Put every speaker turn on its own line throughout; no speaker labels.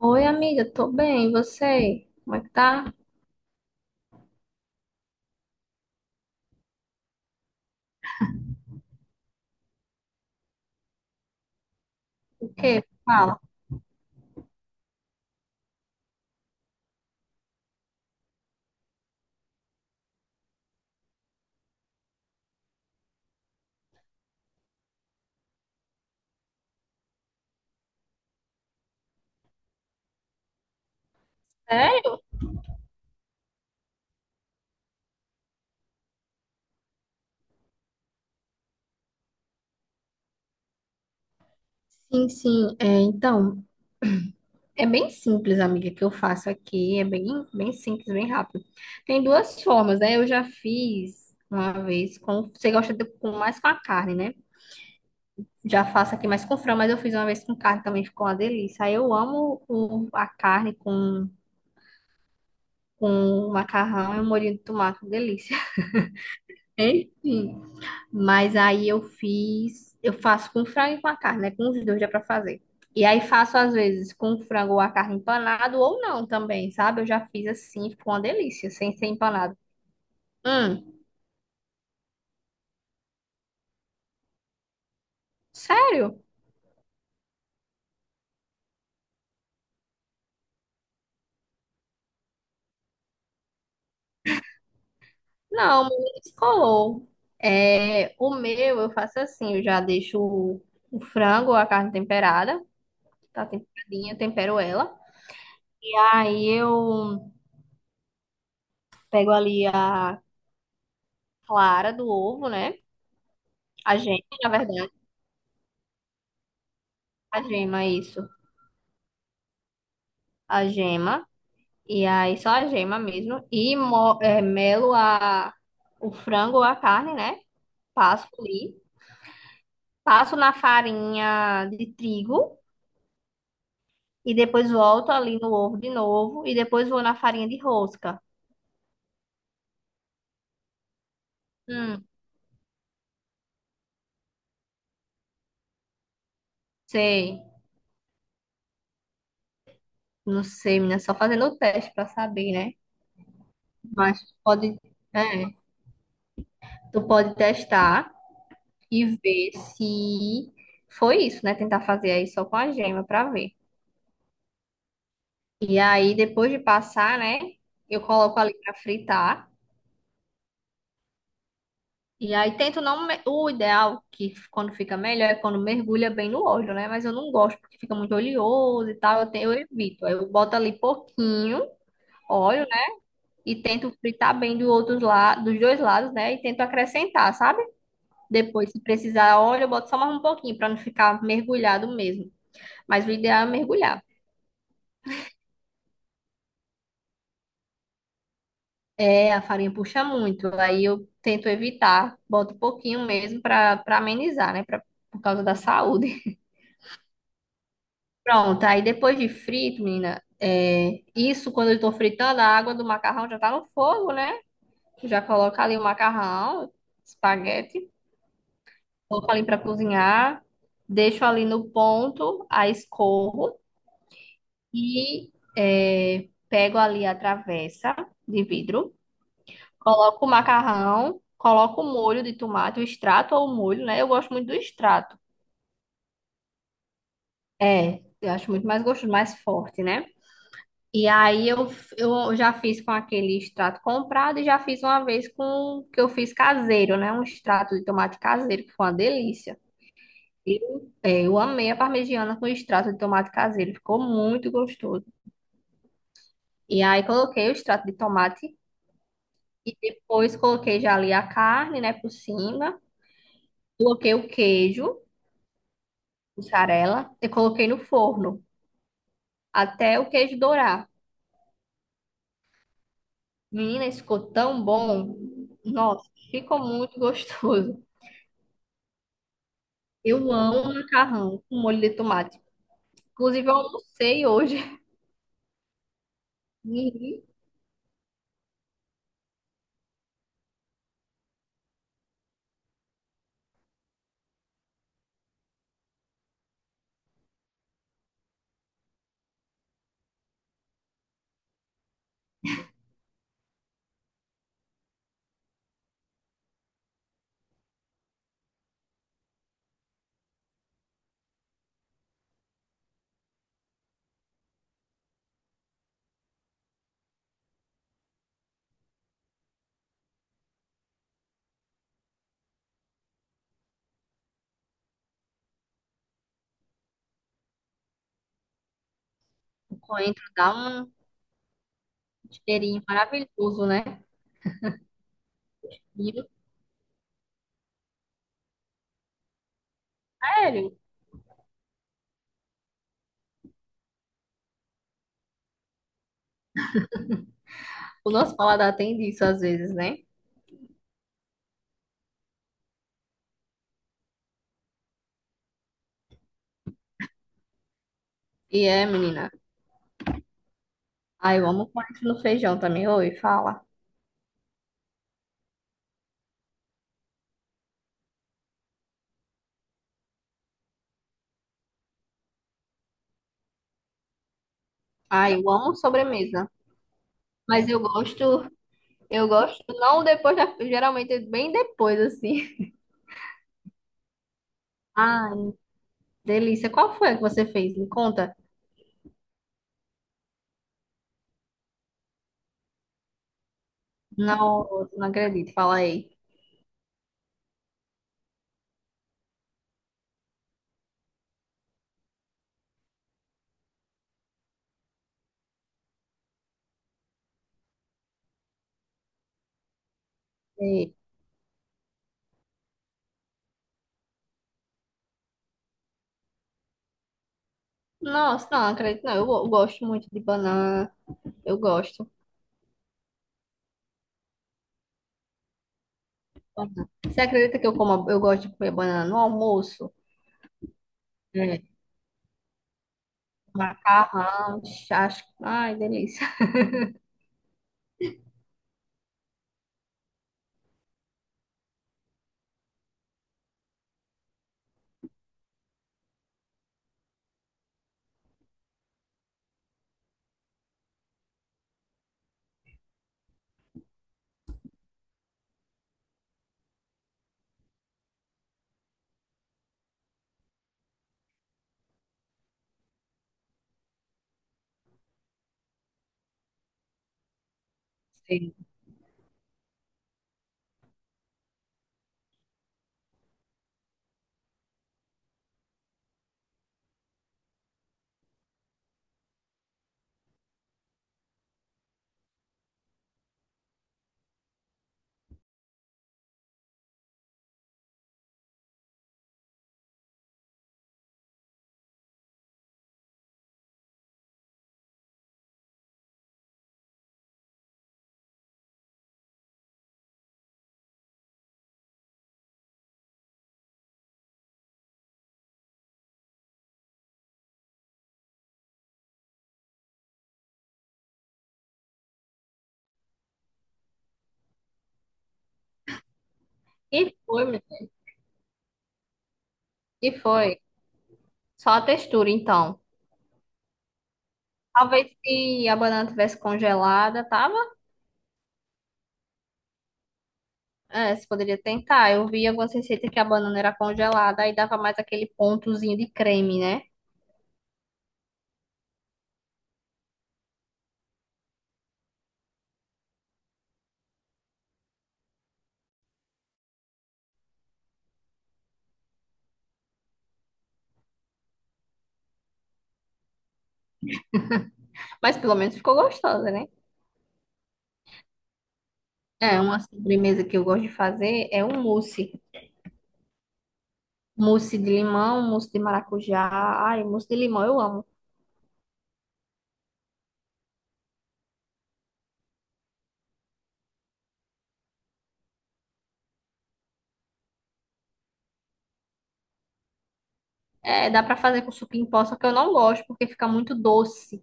Oi, amiga, tô bem, e você? Como é que tá? O quê? Fala. É? Então, é bem simples, amiga, que eu faço aqui, é bem simples, bem rápido. Tem duas formas, né? Eu já fiz uma vez com, você gosta de, com, mais com a carne, né? Já faço aqui mais com frango, mas eu fiz uma vez com carne também, ficou uma delícia. Aí eu amo a carne com macarrão e um molhinho de tomate, delícia. Enfim. Mas aí eu faço com frango e com a carne, né? Com os dois dá pra fazer. E aí faço às vezes com frango ou a carne empanado ou não também, sabe? Eu já fiz assim, ficou uma delícia, sem ser empanado. Hum, sério? Não, mas não descolou. É, o meu eu faço assim, eu já deixo o frango ou a carne temperada, tá temperadinha, tempero ela. E aí eu pego ali a clara do ovo, né? A gema, na verdade, a gema, isso. A gema. E aí só a gema mesmo. E melo a, o frango ou a carne, né? Passo ali. Passo na farinha de trigo. E depois volto ali no ovo de novo. E depois vou na farinha de rosca. Hum, sei. Não sei, menina. Só fazendo o teste pra saber, né? Mas pode. É, tu pode testar e ver se foi isso, né? Tentar fazer aí só com a gema pra ver. E aí, depois de passar, né? Eu coloco ali pra fritar. E aí tento não. me- O ideal, que quando fica melhor, é quando mergulha bem no óleo, né? Mas eu não gosto porque fica muito oleoso e tal. Eu evito. Aí eu boto ali pouquinho óleo, né? E tento fritar bem dos dois lados, né? E tento acrescentar, sabe? Depois, se precisar óleo, eu boto só mais um pouquinho para não ficar mergulhado mesmo. Mas o ideal é mergulhar. É, a farinha puxa muito. Aí eu tento evitar. Boto pouquinho mesmo para amenizar, né? Pra... Por causa da saúde. Pronto, aí depois de frito, menina, é, isso quando eu tô fritando, a água do macarrão já tá no fogo, né? Já coloca ali o macarrão, espaguete, coloco ali pra cozinhar, deixo ali no ponto, aí escorro e, é, pego ali a travessa de vidro, coloco o macarrão, coloco o molho de tomate, o extrato ou o molho, né? Eu gosto muito do extrato. É, eu acho muito mais gostoso, mais forte, né? E aí eu, eu já fiz com aquele extrato comprado e já fiz uma vez com que eu fiz caseiro, né? Um extrato de tomate caseiro, que foi uma delícia. Eu amei a parmegiana com extrato de tomate caseiro, ficou muito gostoso. E aí coloquei o extrato de tomate e depois coloquei já ali a carne, né, por cima. Coloquei o queijo, mussarela, e coloquei no forno até o queijo dourar. Menina, isso ficou tão bom. Nossa, ficou muito gostoso. Eu amo macarrão com molho de tomate. Inclusive, eu almocei hoje. E o coentro dá um cheirinho maravilhoso, né? E, sério, o nosso paladar tem disso às vezes, né? E é, menina. Ai, eu amo coentro no feijão também. Oi, fala. Ai, eu amo sobremesa. Mas eu gosto, não depois, geralmente bem depois, assim. Ai, delícia. Qual foi a que você fez? Me conta. Não, não acredito. Fala aí. É, nossa, não, acredito não. Gosto muito de banana. Eu gosto. Banana. Você acredita que eu como, eu gosto de comer banana no almoço? É. Macarrão, chás. Ai, delícia. Sim. E foi, meu Deus? E foi. Só a textura, então. Talvez se a banana tivesse congelada, tava? É, você poderia tentar. Eu vi algumas receitas que a banana era congelada, aí dava mais aquele pontozinho de creme, né? Mas pelo menos ficou gostosa, né? É, uma sobremesa que eu gosto de fazer é um mousse. Mousse de limão, mousse de maracujá. Ai, mousse de limão eu amo. É, dá pra fazer com suco em pó, só que eu não gosto porque fica muito doce.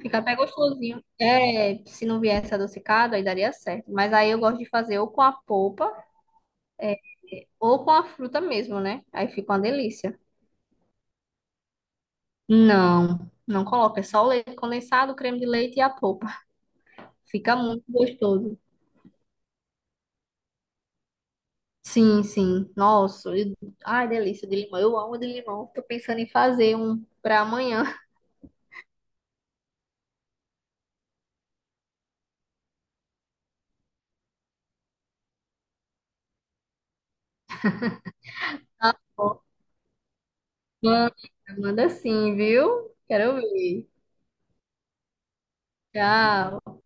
Fica até gostosinho. É, se não viesse adocicado, aí daria certo. Mas aí eu gosto de fazer ou com a polpa ou com a fruta mesmo, né? Aí fica uma delícia. Não, não coloca. É só o leite condensado, o creme de leite e a polpa. Fica muito gostoso. Sim, sim. Ai, delícia de limão. Eu amo de limão. Tô pensando em fazer um pra amanhã. Manda, manda sim, viu? Quero ouvir. Tchau.